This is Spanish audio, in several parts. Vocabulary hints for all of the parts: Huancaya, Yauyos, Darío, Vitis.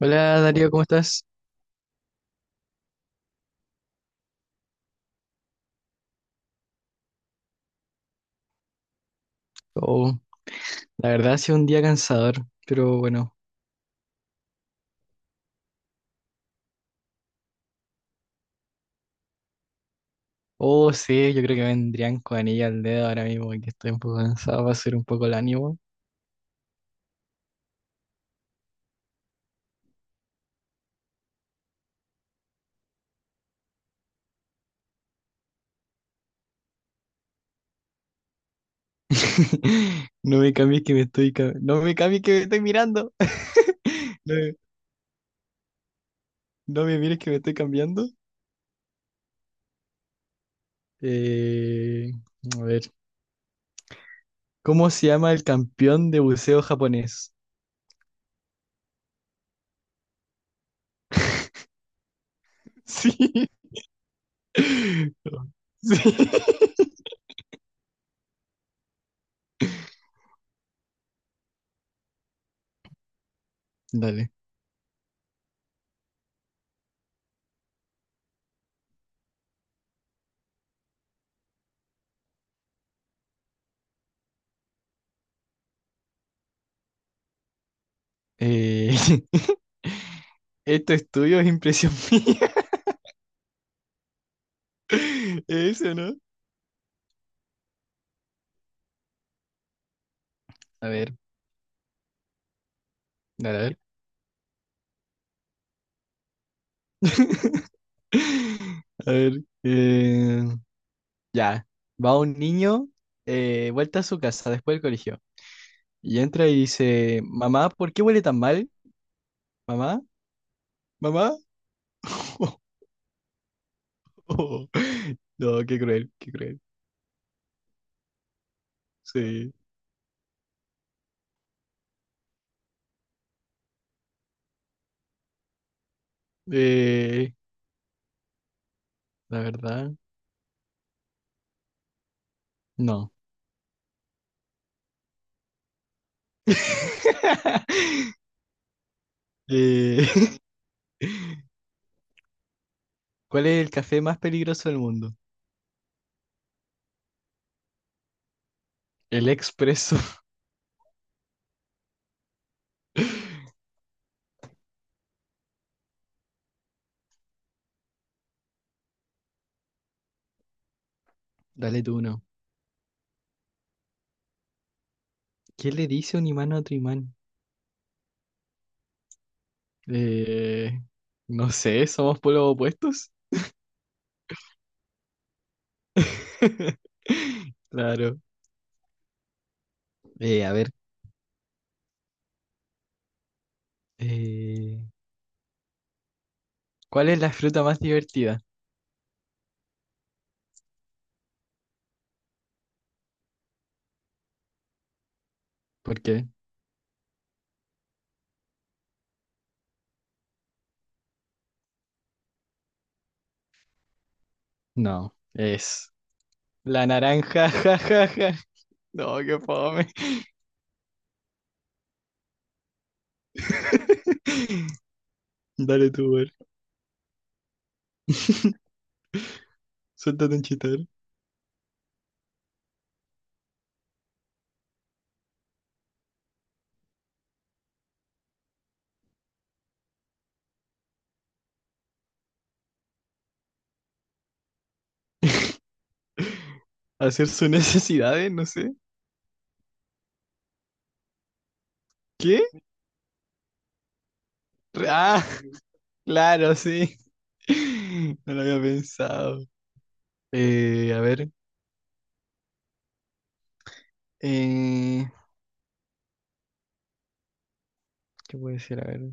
Hola Darío, ¿cómo estás? Oh, la verdad ha sido un día cansador, pero bueno. Oh, sí, yo creo que vendrían con anilla al dedo ahora mismo, que estoy un poco cansado, va a ser un poco el ánimo. No me cambies que me estoy no me cambies que me estoy mirando. No, me no me mires que me estoy cambiando. Eh, a ver, ¿cómo se llama el campeón de buceo japonés? Sí. Sí. Dale. Eh, esto es tuyo, es impresión mía. Eso, ¿no? A ver, a ver. A ver. Ya. Va un niño, vuelta a su casa después del colegio. Y entra y dice, mamá, ¿por qué huele tan mal? Mamá, mamá. No, qué cruel, qué cruel. Sí. Eh, la verdad, no. Eh, ¿cuál es el café más peligroso del mundo? El expreso. Dale tú uno. ¿Qué le dice un imán a otro imán? Eh, no sé, somos polos opuestos. Claro. A ver, eh, ¿cuál es la fruta más divertida? ¿Por qué? No, es la naranja. Ja, ja, ja. No, qué fome. Dale tú, ver. Suéltate un chitar. Hacer sus necesidades, no sé. ¿Qué? Ah, claro, sí. No lo había pensado. A ver. Eh, ¿Qué puede ser? A ver.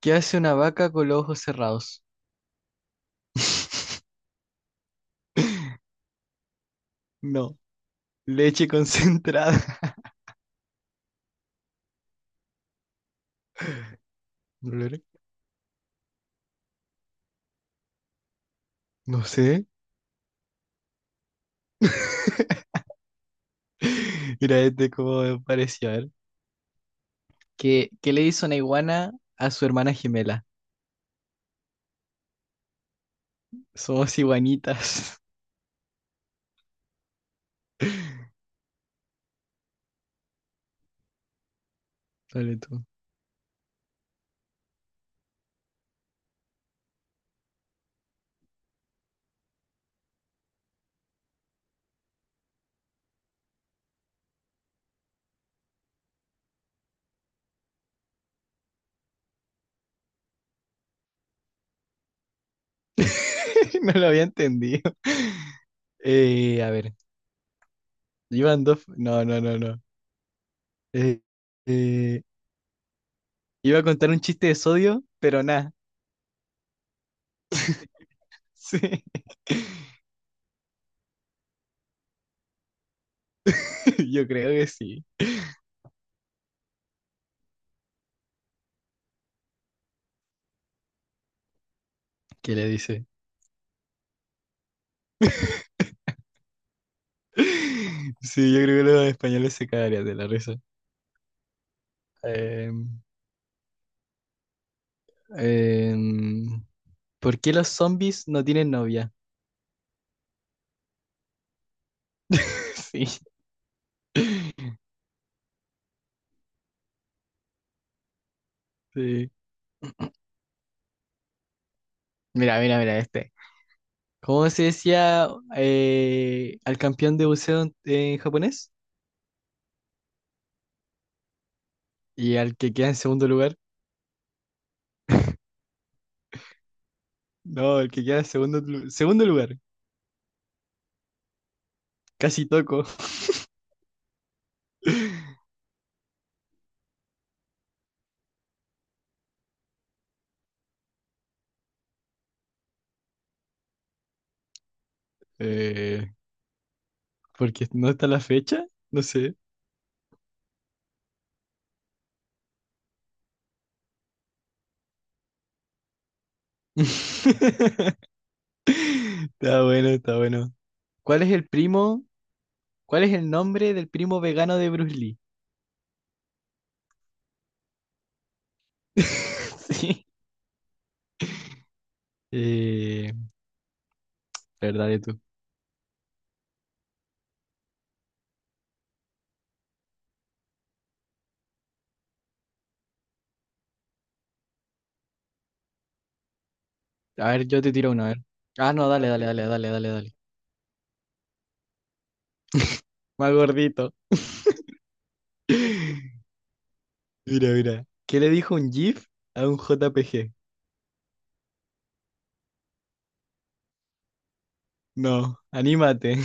¿Qué hace una vaca con los ojos cerrados? No, leche concentrada. Blur. No sé. Mira, este como me pareció. A ver. ¿Qué le hizo una iguana a su hermana gemela? Somos iguanitas. Dale tú. No lo había entendido. A ver, iban dos. No, no, no, no. Eh, eh, iba a contar un chiste de sodio, pero nada. Sí, yo creo que sí. ¿Qué le dice? Sí, yo creo que los españoles se cagarían de la risa. Em, em, ¿Por qué los zombies no tienen novia? Sí, sí. Mira, mira, mira este. ¿Cómo se decía al campeón de buceo en japonés? Y al que queda en segundo lugar. No, el que queda en segundo, segundo lugar. Casi toco. Eh, porque no está la fecha. No sé. Está bueno, está bueno. ¿Cuál es el primo? ¿Cuál es el nombre del primo vegano de Bruce Lee? Sí. Eh, verdad de tú. A ver, yo te tiro una, a ver. Ah, no, dale, dale, dale, dale, dale, dale. Más gordito. Mira, mira. ¿Qué le dijo un GIF a un JPG? No, anímate.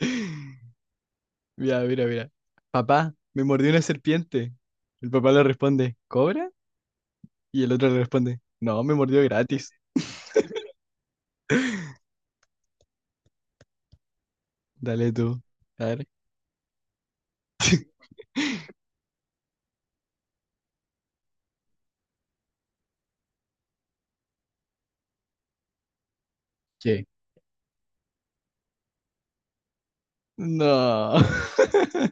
Mira, mira, mira. Papá, me mordió una serpiente. El papá le responde, ¿cobra? Y el otro le responde, no, me mordió gratis. Dale tú. A ver. ¿Qué? No.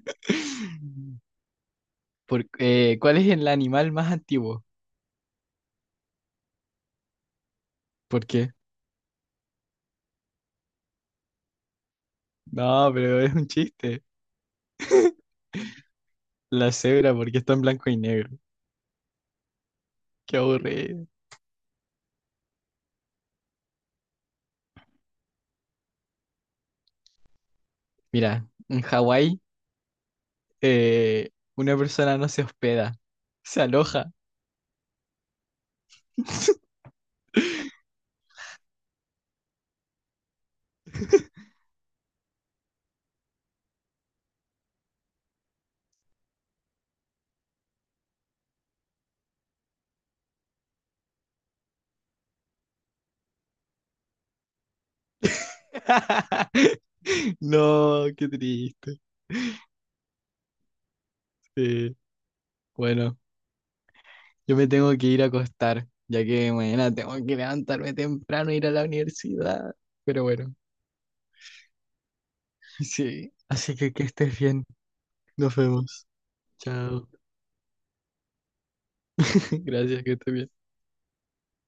¿Cuál es el animal más antiguo? ¿Por qué? No, pero es un chiste. La cebra, porque está en blanco y negro. Qué aburrido. Mira, en Hawái, una persona no se hospeda, se aloja. No, qué triste. Sí. Bueno. Yo me tengo que ir a acostar, ya que mañana tengo que levantarme temprano e ir a la universidad. Pero bueno, sí. Así que estés bien. Nos vemos. Chao. Gracias, que estés bien.